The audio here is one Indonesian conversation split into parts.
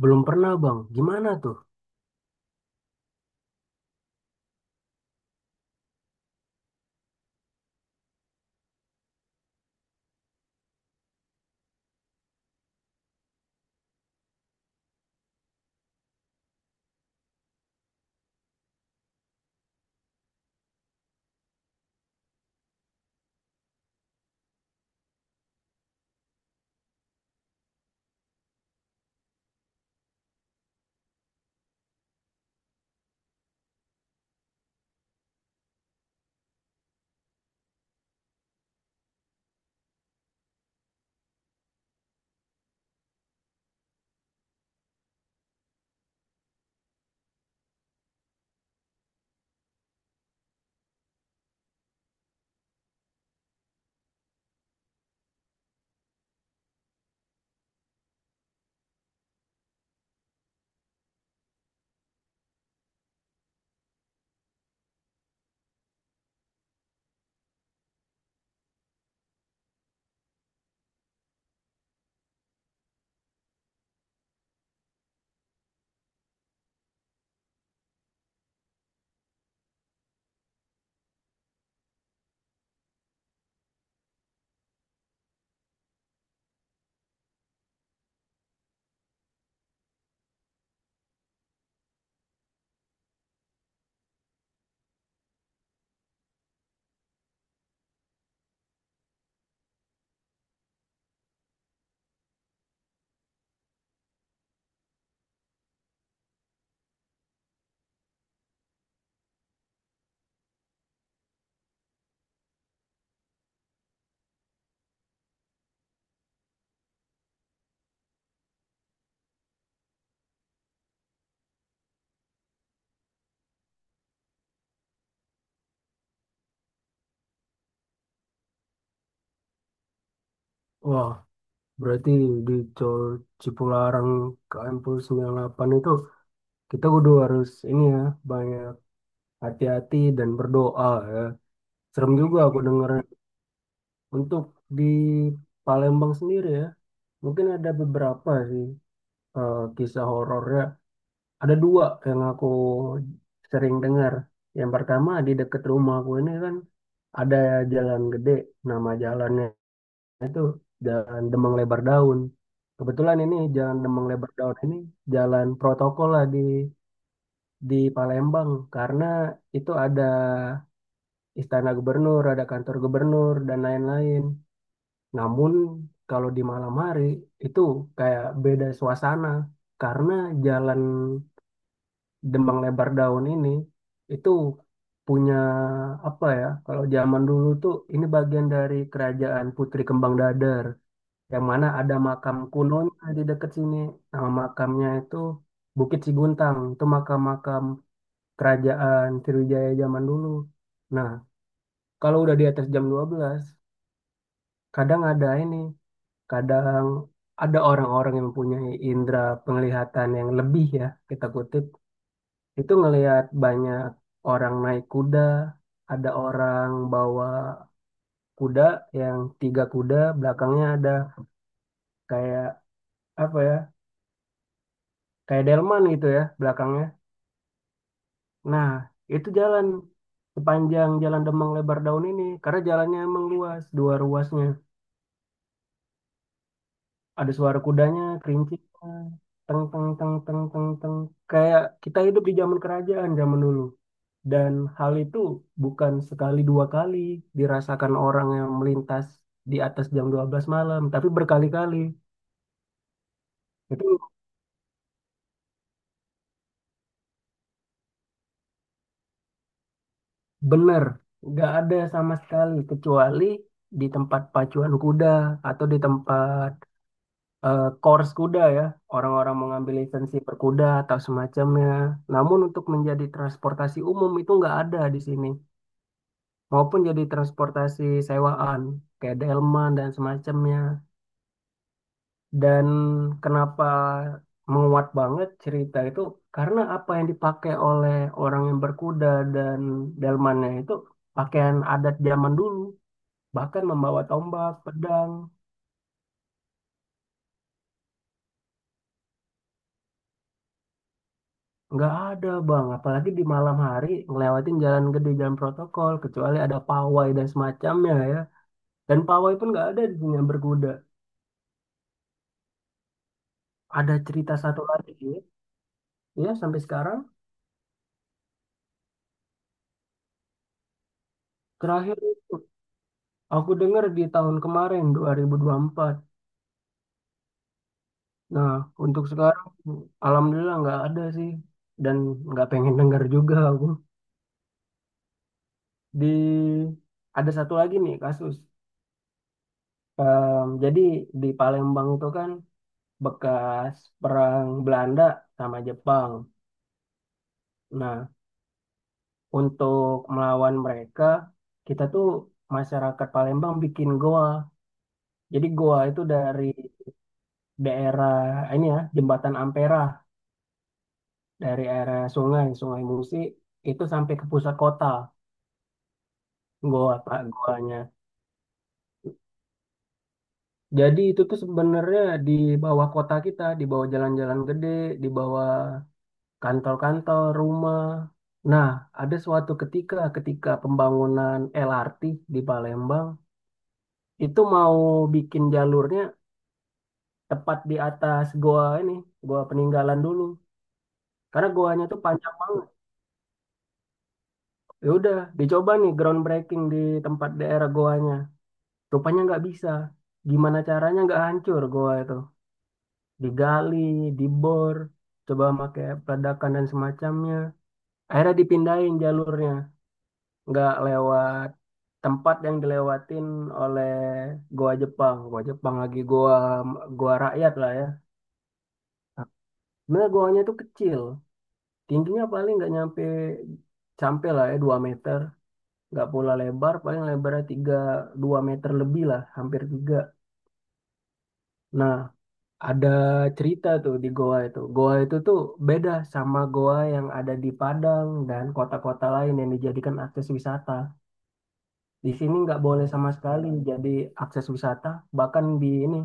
Belum pernah bang, gimana tuh? Wah, berarti di Cipularang K M 98 itu kita kudu harus ini ya, banyak hati-hati dan berdoa ya. Serem juga aku denger untuk di Palembang sendiri ya. Mungkin ada beberapa sih kisah horornya. Ada dua yang aku sering dengar. Yang pertama di dekat rumah aku ini kan ada jalan gede, nama jalannya. Nah, itu jalan Demang Lebar Daun. Kebetulan ini jalan Demang Lebar Daun ini jalan protokol lah di Palembang karena itu ada istana gubernur, ada kantor gubernur dan lain-lain. Namun kalau di malam hari itu kayak beda suasana karena jalan Demang Lebar Daun ini itu punya apa ya? Kalau zaman dulu tuh ini bagian dari kerajaan Putri Kembang Dadar, yang mana ada makam kunonya di dekat sini. Nama makamnya itu Bukit Siguntang. Itu makam-makam kerajaan Sriwijaya zaman dulu. Nah, kalau udah di atas jam 12, kadang ada ini, kadang ada orang-orang yang mempunyai indera penglihatan yang lebih ya, kita kutip. Itu ngelihat banyak orang naik kuda, ada orang bawa kuda yang tiga kuda, belakangnya ada kayak apa ya, kayak delman gitu ya belakangnya. Nah, itu jalan sepanjang jalan Demang Lebar Daun ini karena jalannya emang luas, dua ruasnya. Ada suara kudanya, kerincing, teng teng teng teng teng teng. Kayak kita hidup di zaman kerajaan zaman dulu. Dan hal itu bukan sekali dua kali dirasakan orang yang melintas di atas jam 12 malam, tapi berkali-kali. Itu benar, nggak ada sama sekali kecuali di tempat pacuan kuda atau di tempat course kuda ya, orang-orang mengambil lisensi berkuda atau semacamnya. Namun untuk menjadi transportasi umum itu nggak ada di sini, maupun jadi transportasi sewaan kayak delman dan semacamnya. Dan kenapa menguat banget cerita itu karena apa yang dipakai oleh orang yang berkuda dan delmannya itu pakaian adat zaman dulu, bahkan membawa tombak, pedang. Nggak ada bang, apalagi di malam hari ngelewatin jalan gede, jalan protokol, kecuali ada pawai dan semacamnya ya. Dan pawai pun nggak ada di sini yang berkuda. Ada cerita satu lagi ya sampai sekarang. Terakhir aku dengar di tahun kemarin dua 2024. Nah untuk sekarang alhamdulillah nggak ada sih dan nggak pengen dengar juga aku. Di ada satu lagi nih kasus. Jadi di Palembang itu kan bekas perang Belanda sama Jepang. Nah, untuk melawan mereka, kita tuh masyarakat Palembang bikin goa. Jadi goa itu dari daerah ini ya, Jembatan Ampera, dari area sungai, Sungai Musi, itu sampai ke pusat kota, goa Pak, goanya. Jadi itu tuh sebenarnya di bawah kota kita, di bawah jalan-jalan gede, di bawah kantor-kantor, rumah. Nah, ada suatu ketika, ketika pembangunan LRT di Palembang, itu mau bikin jalurnya tepat di atas goa ini, goa peninggalan dulu. Karena goanya tuh panjang banget. Ya udah, dicoba nih groundbreaking di tempat daerah goanya. Rupanya nggak bisa. Gimana caranya nggak hancur goa itu? Digali, dibor, coba pakai peledakan dan semacamnya. Akhirnya dipindahin jalurnya, nggak lewat tempat yang dilewatin oleh goa Jepang. Goa Jepang lagi, goa goa rakyat lah ya. Sebenarnya goanya itu kecil. Tingginya paling nggak nyampe, sampai lah ya 2 meter. Nggak pula lebar, paling lebarnya 3 2 meter lebih lah, hampir 3. Nah, ada cerita tuh di goa itu. Goa itu tuh beda sama goa yang ada di Padang dan kota-kota lain yang dijadikan akses wisata. Di sini nggak boleh sama sekali jadi akses wisata, bahkan di ini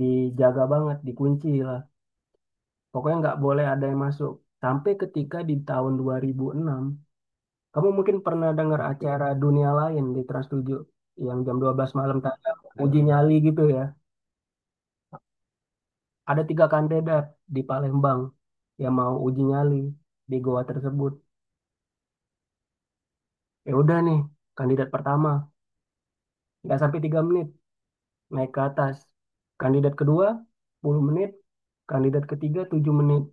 dijaga banget, dikunci lah. Pokoknya nggak boleh ada yang masuk. Sampai ketika di tahun 2006, kamu mungkin pernah dengar acara dunia lain di Trans 7 yang jam 12 malam tayang, uji nyali gitu ya. Ada tiga kandidat di Palembang yang mau uji nyali di goa tersebut. Ya udah nih, kandidat pertama nggak sampai 3 menit naik ke atas. Kandidat kedua 10 menit, kandidat ketiga 7 menit.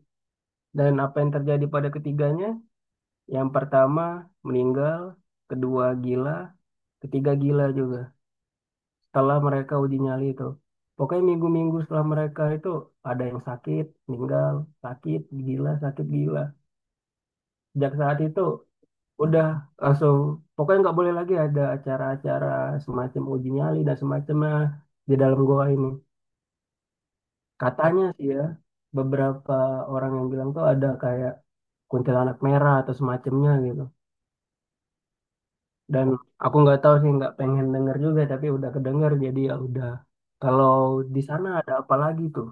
Dan apa yang terjadi pada ketiganya? Yang pertama meninggal, kedua gila, ketiga gila juga, setelah mereka uji nyali itu. Pokoknya minggu-minggu setelah mereka itu ada yang sakit, meninggal, sakit, gila, sakit, gila. Sejak saat itu udah langsung, pokoknya nggak boleh lagi ada acara-acara semacam uji nyali dan semacamnya di dalam goa ini. Katanya sih ya, beberapa orang yang bilang tuh ada kayak kuntilanak merah atau semacamnya gitu. Dan aku nggak tahu sih, nggak pengen denger juga, tapi udah kedenger jadi ya udah. Kalau di sana ada apa lagi tuh?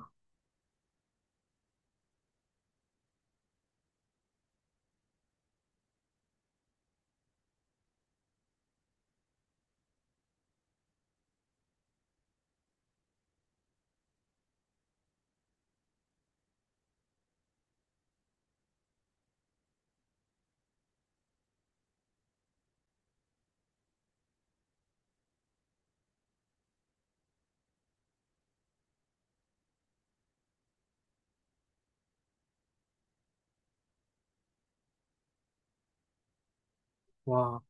Wow.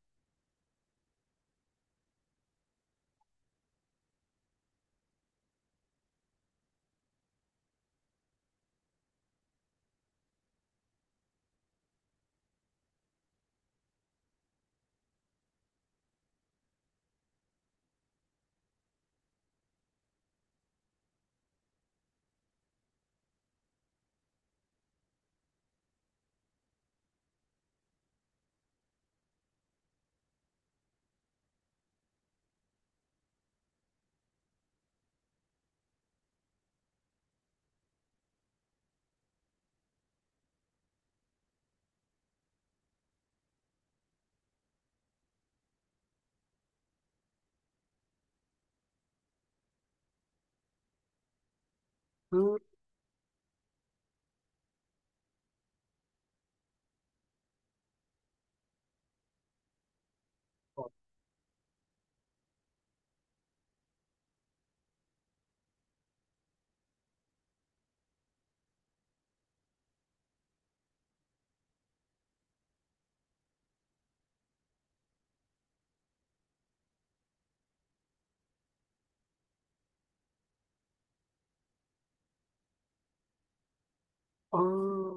Oh,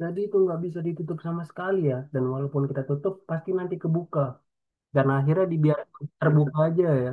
jadi itu nggak bisa ditutup sama sekali ya. Dan walaupun kita tutup, pasti nanti kebuka. Dan akhirnya dibiarkan terbuka aja ya.